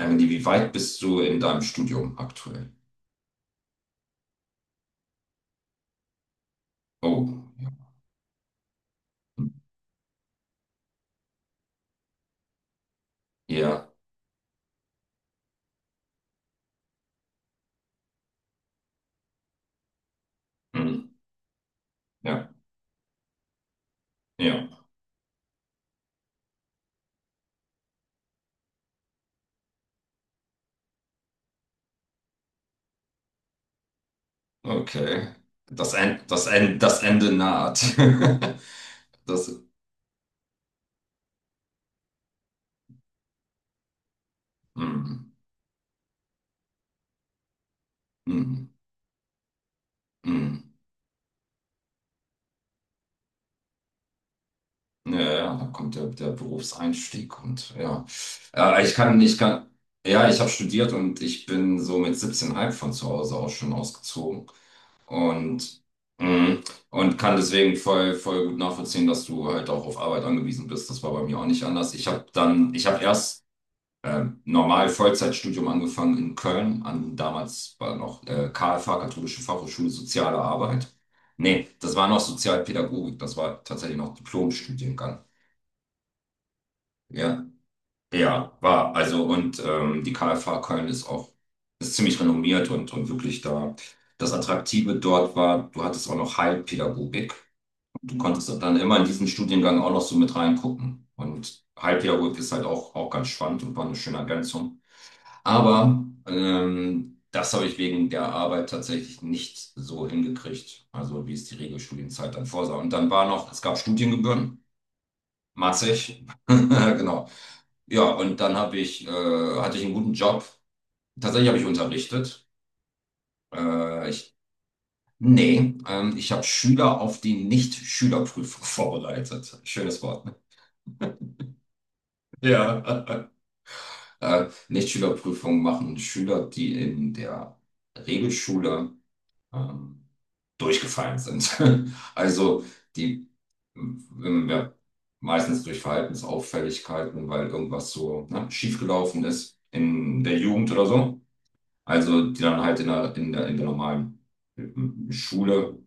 Emily, wie weit bist du in deinem Studium aktuell? Oh, ja. Ja, hm, ja, ja, okay. Das Ende naht. Das, hm, hm, hm. Ja, ja, da kommt der Berufseinstieg und ja. Äh, ich kann, ich kann, ja, ich habe studiert und ich bin so mit 17,5 von zu Hause auch schon ausgezogen. Und, mhm. Und kann deswegen voll gut nachvollziehen, dass du halt auch auf Arbeit angewiesen bist. Das war bei mir auch nicht anders. Ich habe erst normal Vollzeitstudium angefangen in Köln, an damals war noch KFH, Katholische Fachhochschule Soziale Arbeit. Nee, das war noch Sozialpädagogik, das war tatsächlich noch Diplomstudiengang. Ja, ja, war. Also, und die KFH Köln ist ziemlich renommiert und wirklich da. Das Attraktive dort war, du hattest auch noch Heilpädagogik. Du konntest dann immer in diesen Studiengang auch noch so mit reingucken. Und Halbjahr ist halt auch ganz spannend und war eine schöne Ergänzung. Aber das habe ich wegen der Arbeit tatsächlich nicht so hingekriegt, also wie es die Regelstudienzeit dann vorsah. Und dann war noch, es gab Studiengebühren, massig, genau. Ja, und dann hatte ich einen guten Job. Tatsächlich habe ich unterrichtet. Äh, ich, Nee, ich habe Schüler auf die Nicht-Schülerprüfung vorbereitet. Schönes Wort. Ja. Nichtschülerprüfungen machen Schüler, die in der Regelschule ähm, durchgefallen sind. Also die ja, meistens durch Verhaltensauffälligkeiten, weil irgendwas so, ne, schiefgelaufen ist in der Jugend oder so. Also die dann halt in der normalen Schule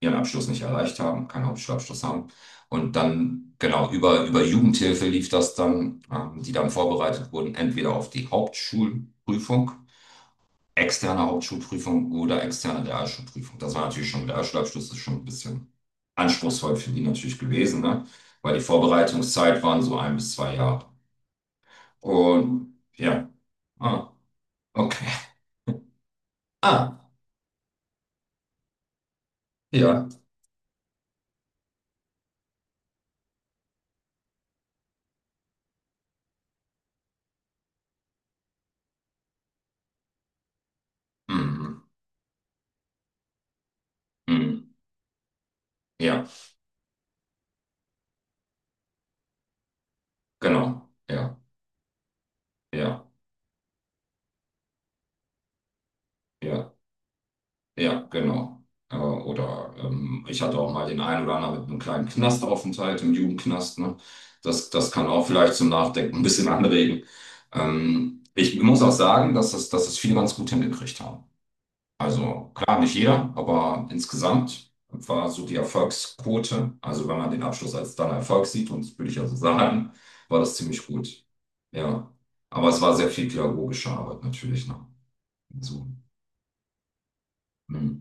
ihren Abschluss nicht erreicht haben, keinen Hauptschulabschluss haben. Und dann, genau, über Jugendhilfe lief das dann, die dann vorbereitet wurden, entweder auf die Hauptschulprüfung, externe Hauptschulprüfung oder externe Realschulprüfung. Das war natürlich schon, der Realschulabschluss ist schon ein bisschen anspruchsvoll für die natürlich gewesen, ne? Weil die Vorbereitungszeit waren so 1 bis 2 Jahre. Und ja, ah, okay. Ah, ja. Mhm. Mhm. Ja, genau. Ja, ja, ja. Ja, genau. Oder ich hatte auch mal den einen oder anderen mit einem kleinen Knastaufenthalt im Jugendknast. Ne? Das kann auch vielleicht zum Nachdenken ein bisschen anregen. Ich muss auch sagen, dass das viele ganz gut hingekriegt haben. Also klar, nicht jeder, aber insgesamt war so die Erfolgsquote, also wenn man den Abschluss als dann Erfolg sieht, und das würde ich also sagen, war das ziemlich gut. Ja, aber es war sehr viel pädagogische Arbeit natürlich. Ne? So. Mm,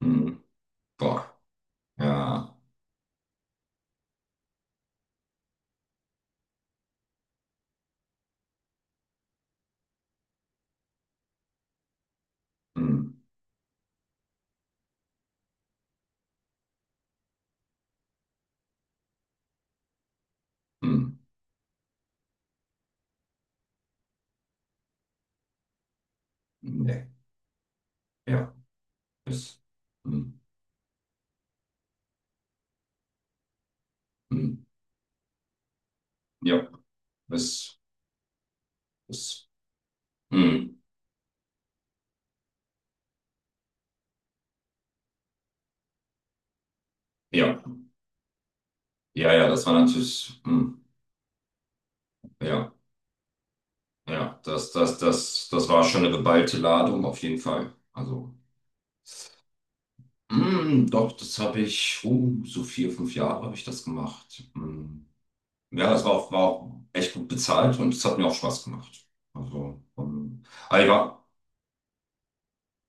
mm, boah, ja. Hm, hm, nee, ja, ist, hm, hm, ja, ist, ist, hm, ja, ja, ja, das war natürlich, hm, ja, ja, das war schon eine geballte Ladung, auf jeden Fall. Also, hm, doch, so 4, 5 Jahre habe ich das gemacht. Hm. Ja, das war auch echt gut bezahlt und es hat mir auch Spaß gemacht. Also, aber ich war.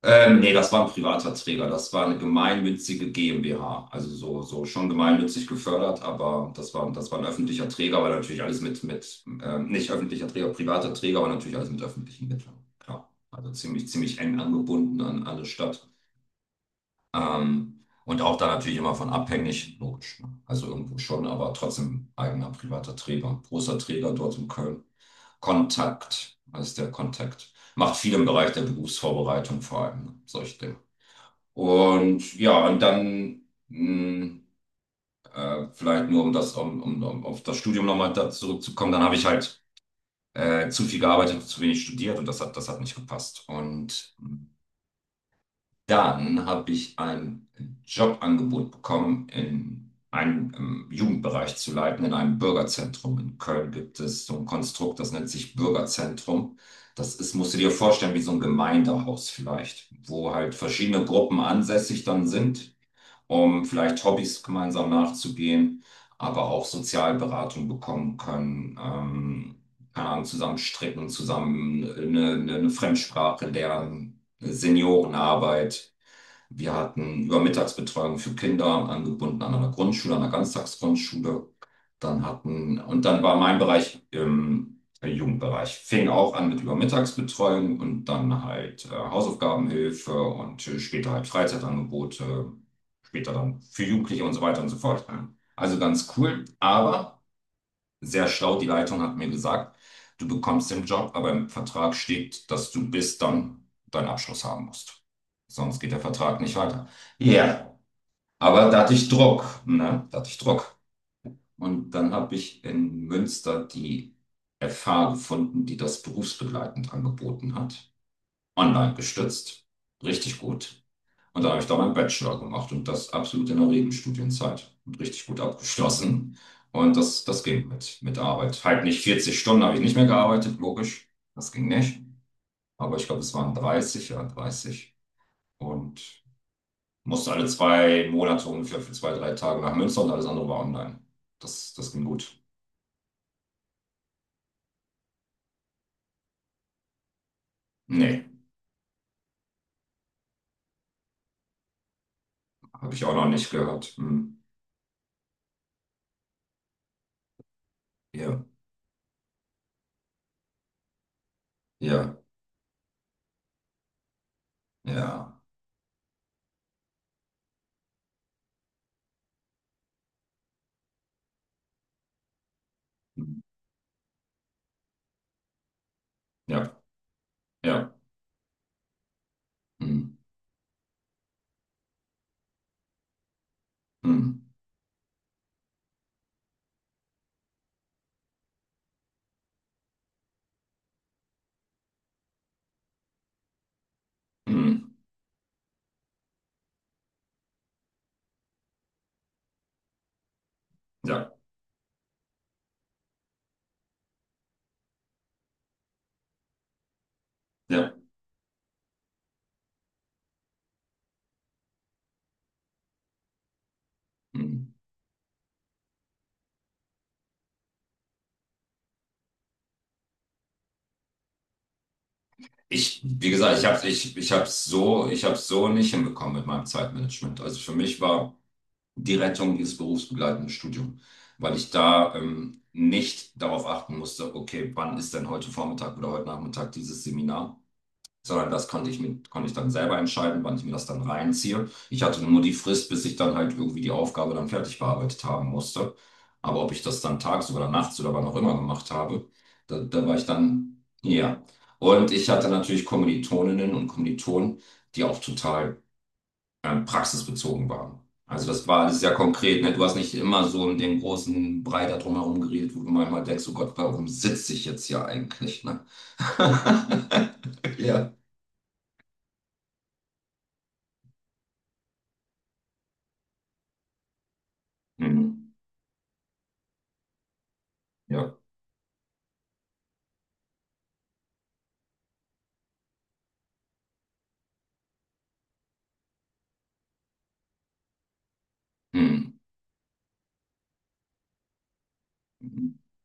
Nee, das war ein privater Träger. Das war eine gemeinnützige GmbH. Also so schon gemeinnützig gefördert, aber das war ein öffentlicher Träger, weil natürlich alles mit nicht öffentlicher Träger, privater Träger, aber natürlich alles mit öffentlichen Mitteln. Klar. Also ziemlich, ziemlich eng angebunden an alle Stadt. Und auch da natürlich immer von abhängig, logisch, ne? Also irgendwo schon, aber trotzdem eigener privater Träger, großer Träger dort in Köln. Kontakt, das ist der Kontakt. Macht viel im Bereich der Berufsvorbereitung vor allem, ne, solche Dinge. Und ja, und dann mh, vielleicht nur, um das, um, um, um auf das Studium nochmal da zurückzukommen, dann habe ich halt zu viel gearbeitet, hab zu wenig studiert und das hat nicht gepasst. Und dann habe ich ein Jobangebot bekommen, in einem Jugendbereich zu leiten, in einem Bürgerzentrum. In Köln gibt es so ein Konstrukt, das nennt sich Bürgerzentrum. Das ist, musst du dir vorstellen, wie so ein Gemeindehaus vielleicht, wo halt verschiedene Gruppen ansässig dann sind, um vielleicht Hobbys gemeinsam nachzugehen, aber auch Sozialberatung bekommen können, keine Ahnung, zusammen stricken, zusammen eine Fremdsprache lernen, Seniorenarbeit. Wir hatten Übermittagsbetreuung für Kinder, angebunden an einer Grundschule, an einer Ganztagsgrundschule. Dann hatten, und dann war mein Bereich im Jugendbereich. Fing auch an mit Übermittagsbetreuung und dann halt Hausaufgabenhilfe und später halt Freizeitangebote, später dann für Jugendliche und so weiter und so fort. Also ganz cool, aber sehr schlau, die Leitung hat mir gesagt, du bekommst den Job, aber im Vertrag steht, dass du bis dann deinen Abschluss haben musst. Sonst geht der Vertrag nicht weiter. Ja, aber da hatte ich Druck, ne? Da hatte ich Druck. Und dann habe ich in Münster die FH gefunden, die das berufsbegleitend angeboten hat. Online gestützt. Richtig gut. Und da habe ich da meinen Bachelor gemacht und das absolut in der Regenstudienzeit und richtig gut abgeschlossen. Und das ging mit Arbeit. Halt nicht 40 Stunden habe ich nicht mehr gearbeitet, logisch. Das ging nicht. Aber ich glaube, es waren 30, ja, 30. Und musste alle 2 Monate ungefähr für 2, 3 Tage nach Münster und alles andere war online. Das, das ging gut. Nee, habe ich auch noch nicht gehört. Hm. Ja, ja, ja. Hm. Ja, ja. Hm. Hm. Hm. Ja, ja. Hm. Wie gesagt, ich hab's so nicht hinbekommen mit meinem Zeitmanagement. Also für mich war die Rettung dieses berufsbegleitende Studium, weil ich da nicht darauf achten musste, okay, wann ist denn heute Vormittag oder heute Nachmittag dieses Seminar? Sondern das konnte ich dann selber entscheiden, wann ich mir das dann reinziehe. Ich hatte nur die Frist, bis ich dann halt irgendwie die Aufgabe dann fertig bearbeitet haben musste. Aber ob ich das dann tags oder nachts oder wann auch immer gemacht habe, da war ich dann, ja. Und ich hatte natürlich Kommilitoninnen und Kommilitonen, die auch total praxisbezogen waren. Also das war alles sehr konkret, ne? Du hast nicht immer so in den großen Brei da drumherum geredet, wo du manchmal denkst, oh Gott, warum sitze ich jetzt hier eigentlich, ne? Ja. Mhm. Ja. Hm.